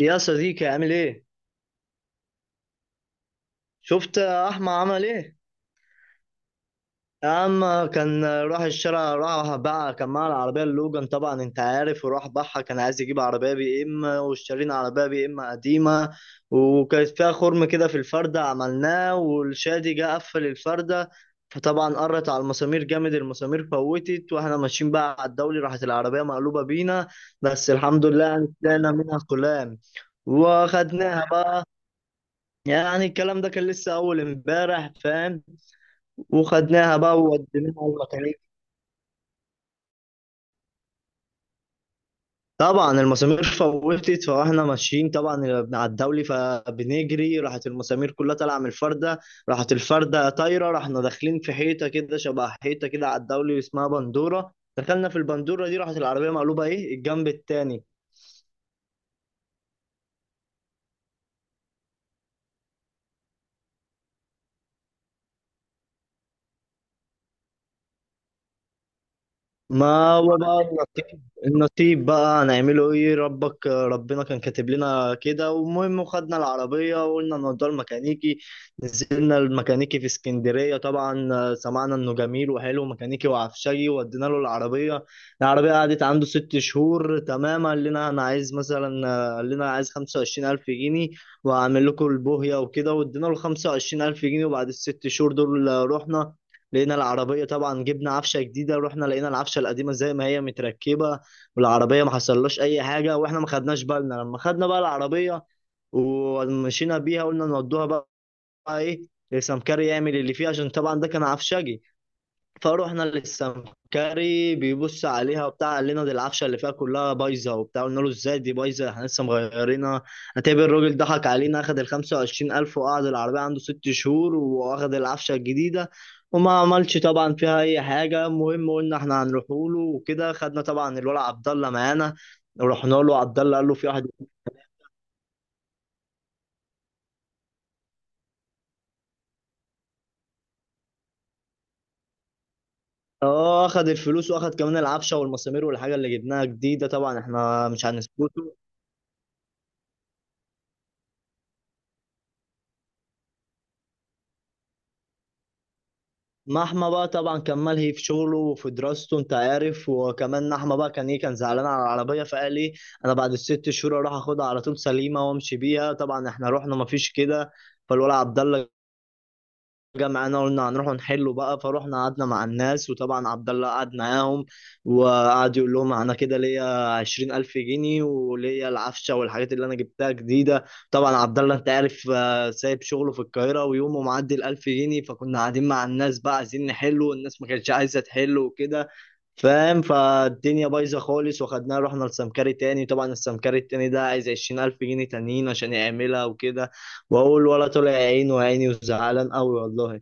يا صديقي، عامل ايه؟ شفت احمد عمل ايه؟ يا عم، كان راح الشارع، راح بقى كان معاه العربية اللوجان، طبعا انت عارف، وراح بقى كان عايز يجيب عربية بي ام، واشترينا عربية بي ام قديمة. وكانت فيها خرم كده في الفردة عملناه، والشادي جه قفل الفردة. فطبعا قرت على المسامير جامد، المسامير فوتت واحنا ماشيين بقى على الدولي، راحت العربية مقلوبة بينا. بس الحمد لله يعني طلعنا منها سلام وخدناها. يعني الكلام ده كان لسه اول امبارح، فاهم. وخدناها بقى ووديناها على الميكانيك. طبعا المسامير فوتت فاحنا ماشيين طبعا على الدولي، فبنجري راحت المسامير كلها طالعه من الفرده، راحت الفرده طايره، رحنا داخلين في حيطه كده، شبه حيطه كده على الدولي اسمها بندوره، دخلنا في البندوره دي، راحت العربيه مقلوبه ايه الجنب التاني. ما هو بقى النصيب، النصيب بقى هنعمله ايه، ربك ربنا كان كاتب لنا كده. والمهم خدنا العربية وقلنا نوديها الميكانيكي، نزلنا الميكانيكي في اسكندرية طبعا. سمعنا انه جميل وحلو ميكانيكي وعفشجي، ودينا له العربية. العربية قعدت عنده 6 شهور تمام، قال لنا انا عايز مثلا، قال لنا عايز 25000 جنيه وهعمل لكم البوهية وكده. وادينا له 25000 جنيه، وبعد الست شهور دول رحنا، لقينا العربية طبعا، جبنا عفشة جديدة، رحنا لقينا العفشة القديمة زي ما هي متركبة، والعربية ما حصلهاش أي حاجة، وإحنا ما خدناش بالنا. لما خدنا بقى العربية ومشينا بيها، قلنا نودوها بقى إيه لسمكري يعمل اللي فيها، عشان طبعا ده كان عفشجي. فروحنا للسمكري، بيبص عليها وبتاع، قال لنا دي العفشه اللي فيها كلها بايظه وبتاع، قلنا له ازاي دي بايظه، احنا لسه مغيرينها. هتقابل الراجل ضحك علينا، اخد ال 25000 وقعد العربيه عنده 6 شهور، واخد العفشه الجديده وما عملش طبعا فيها اي حاجه. المهم قلنا احنا هنروح له وكده، خدنا طبعا الولد عبد الله معانا ورحنا له. عبد الله قال له في واحد، اه اخد الفلوس واخد كمان العفشه والمسامير والحاجه اللي جبناها جديده، طبعا احنا مش هنسكت. محمى بقى طبعا كمل، هي في شغله وفي دراسته انت عارف، وكمان نحمة بقى كان ايه، كان زعلان على العربية، فقال ايه، انا بعد الست شهور اروح اخدها على طول سليمة وامشي بيها. طبعا احنا رحنا مفيش كده. فالولد عبد الله جمعنا، قلنا هنروحوا نحلوا بقى، فروحنا قعدنا مع الناس، وطبعا عبد الله قعد معاهم وقعد يقول لهم انا كده ليا 20000 جنيه وليا العفشه والحاجات اللي انا جبتها جديده. طبعا عبد الله انت عارف، سايب شغله في القاهره، ويومه معدي 1000 جنيه، فكنا قاعدين مع الناس بقى عايزين نحله، والناس ما كانتش عايزه تحله وكده، فاهم. فالدنيا بايظه خالص، وخدناها رحنا لسمكري تاني. طبعا السمكري التاني ده عايز 20000 جنيه تانيين عشان يعملها وكده، واقول ولا طلع عينه وعيني وزعلان قوي والله.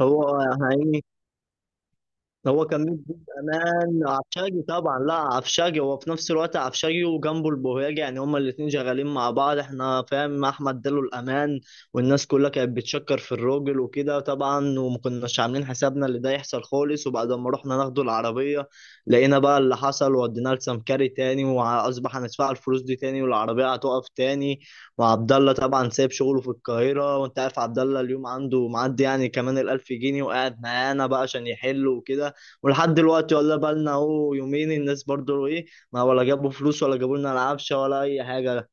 هو هي هو كان مين؟ دي كمان عفشاجي طبعا، لا عفشاجي، هو في نفس الوقت عفشاجي وجنبه البوهيجي، يعني هما الاتنين شغالين مع بعض، احنا فاهم، احمد اداله الامان، والناس كلها كانت بتشكر في الراجل وكده طبعا، وما كناش عاملين حسابنا اللي ده يحصل خالص. وبعد ما رحنا ناخده العربيه، لقينا بقى اللي حصل، وديناه لسمكري تاني، واصبح هندفع الفلوس دي تاني والعربيه هتقف تاني. وعبد الله طبعا سايب شغله في القاهره، وانت عارف عبد الله اليوم عنده معدي يعني كمان 1000 جنيه، وقاعد معانا بقى عشان يحل وكده، ولحد دلوقتي ولا بالنا اهو يومين. الناس برضو ايه، ما ولا جابوا فلوس ولا جابوا لنا العفشه ولا اي حاجه.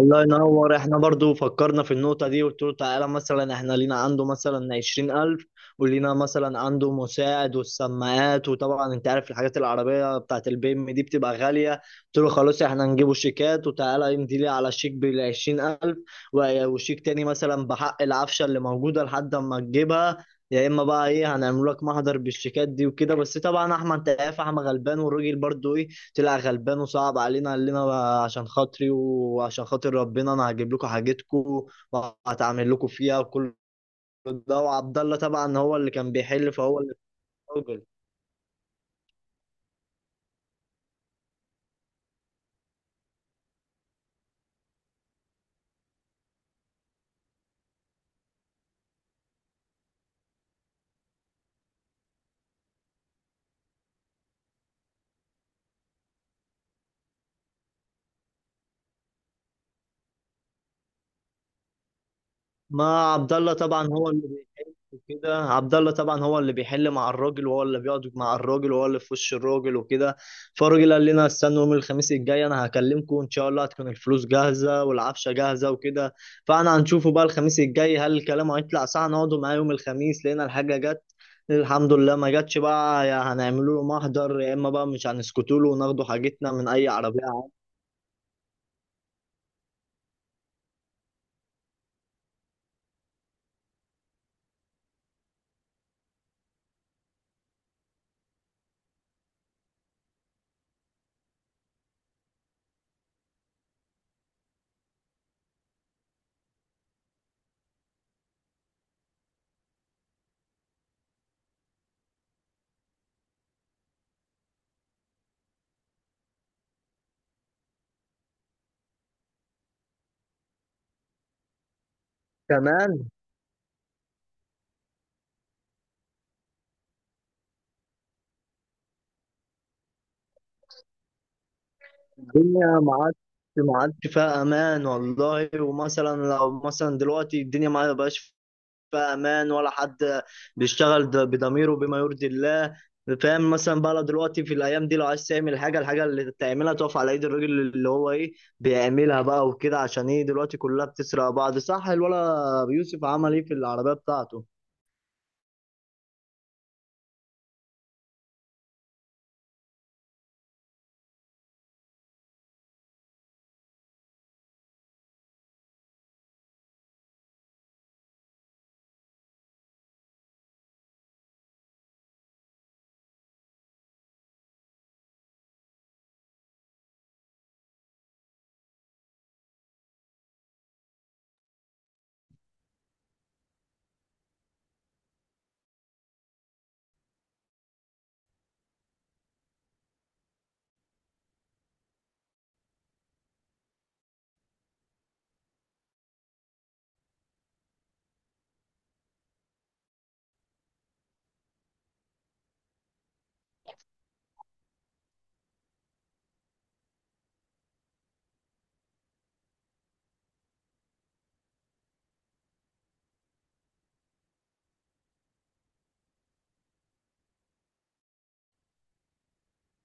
الله ينور، احنا برضو فكرنا في النقطة دي، قلت له تعالى مثلا احنا لينا عنده مثلا 20000، ولينا مثلا عنده مساعد والسماعات، وطبعا انت عارف الحاجات العربية بتاعت البي ام دي بتبقى غالية، قلت له خلاص احنا نجيبه شيكات، وتعالى امضي لي على شيك ب20000، وشيك تاني مثلا بحق العفشة اللي موجودة لحد ما تجيبها، يا اما بقى ايه هنعمل لك محضر بالشيكات دي وكده. بس طبعا احمد انت عارف احمد غلبان، والراجل برضو طلع غلبان وصعب علينا. قال لنا بقى عشان خاطري وعشان خاطر ربنا انا هجيب لكم حاجتكم وهتعمل لكم فيها وكل ده. وعبد الله طبعا هو اللي كان بيحل، فهو اللي اتسجل. ما عبد الله طبعا هو اللي بيحل كده، عبد الله طبعا هو اللي بيحل مع الراجل، وهو اللي بيقعد مع الراجل، وهو اللي في وش الراجل وكده. فالراجل قال لنا استنوا يوم الخميس الجاي، انا هكلمكم ان شاء الله، هتكون الفلوس جاهزه والعفشه جاهزه وكده. فانا هنشوفه بقى الخميس الجاي، هل الكلام هيطلع صح. نقعدوا معاه يوم الخميس، لقينا الحاجه جت الحمد لله، ما جاتش بقى يا هنعملوا له محضر، يا اما بقى مش هنسكتوا له وناخدوا حاجتنا من اي عربيه عادي. تمام. الدنيا ما عادش فيها امان والله. ومثلا لو مثلا دلوقتي الدنيا ما بقاش فيها امان، ولا حد بيشتغل بضميره بما يرضي الله، فاهم. مثلا بقى لو دلوقتي في الايام دي لو عايز تعمل حاجه، الحاجه اللي تعملها تقف على ايد الراجل اللي هو ايه بيعملها بقى وكده، عشان ايه دلوقتي كلها بتسرق بعض، صح. الولا يوسف عمل ايه في العربيه بتاعته؟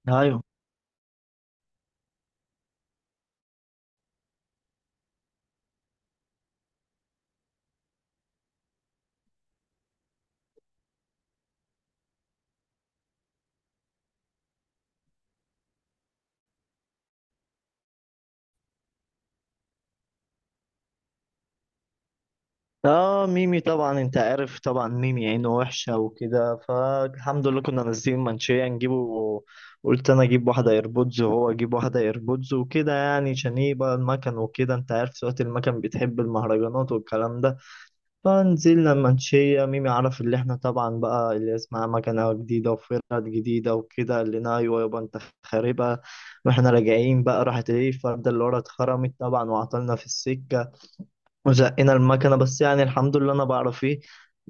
ايوه. اه، ميمي طبعا انت عارف، طبعا ميمي عينه وحشة وكده، فالحمد لله كنا نازلين منشية نجيبه. قلت انا اجيب واحدة ايربودز وهو اجيب واحدة ايربودز وكده يعني، عشان ايه بقى المكن وكده، انت عارف سواقة المكن بتحب المهرجانات والكلام ده. فنزلنا منشية، ميمي عرف اللي احنا طبعا بقى اللي اسمها مكنة جديدة وفرد جديدة وكده، قال لنا ايوه يابا انت خاربها. واحنا راجعين بقى راحت ايه الفردة اللي ورا اتخرمت طبعا، وعطلنا في السكة وزقنا المكنة، بس يعني الحمد لله أنا بعرف إيه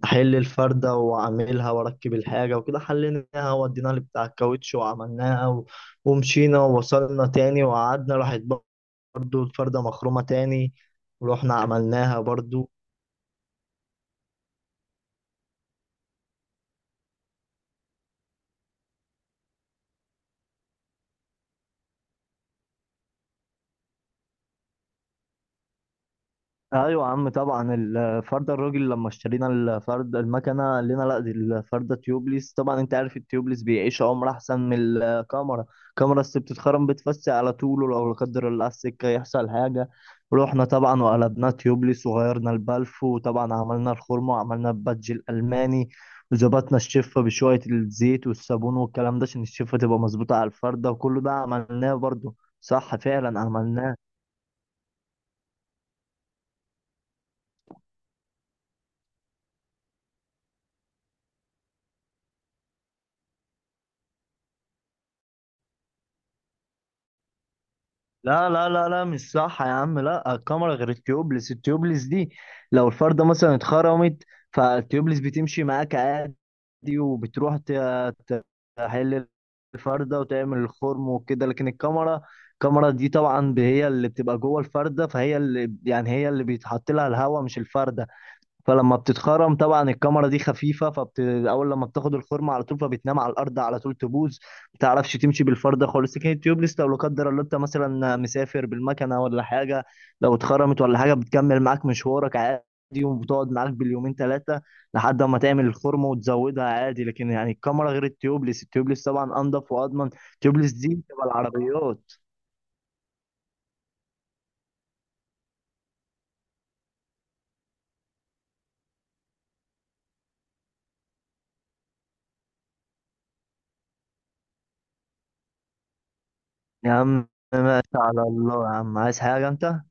أحل الفردة وأعملها وأركب الحاجة وكده. حليناها وديناها لبتاع الكاوتش وعملناها ومشينا، ووصلنا تاني وقعدنا راحت برضو الفردة مخرومة تاني، ورحنا عملناها برضو. ايوه يا عم، طبعا الفرده، الراجل لما اشترينا الفرد المكنه قال لنا لا دي الفرده تيوبليس، طبعا انت عارف التيوبليس بيعيش عمر احسن من الكاميرا، الكاميرا الست بتتخرم، بتفسي على طول، ولو لا قدر الله على السكه يحصل حاجه. رحنا طبعا وقلبناه تيوبليس وغيرنا البلف، وطبعا عملنا الخرم وعملنا البادج الالماني، وظبطنا الشفه بشويه الزيت والصابون والكلام ده عشان الشفه تبقى مظبوطه على الفرده، وكل ده عملناه برضه، صح فعلا عملناه. لا، مش صح يا عم، لا، الكاميرا غير التيوبلس. التيوبلس دي لو الفردة مثلا اتخرمت، فالتيوبلس بتمشي معاك عادي وبتروح ت- تحل الفردة وتعمل الخرم وكده. لكن الكاميرا، الكاميرا دي طبعا هي اللي بتبقى جوه الفردة، فهي اللي يعني هي اللي بيتحط لها الهواء مش الفردة. فلما بتتخرم طبعا الكاميرا دي خفيفه، اول لما بتاخد الخرم على طول فبتنام على الارض على طول، تبوظ ما بتعرفش تمشي بالفرده خالص. لكن التيوبليس لو لا قدر الله انت مثلا مسافر بالمكنه ولا حاجه، لو اتخرمت ولا حاجه بتكمل معاك مشوارك عادي، وبتقعد معاك باليومين ثلاثه لحد ما تعمل الخرم وتزودها عادي. لكن يعني الكاميرا غير التيوبليس، التيوبليس طبعا انضف واضمن، التيوبليس دي بتبقى العربيات. يا عم، ماشي على الله يا عم، عايز حاجه انت؟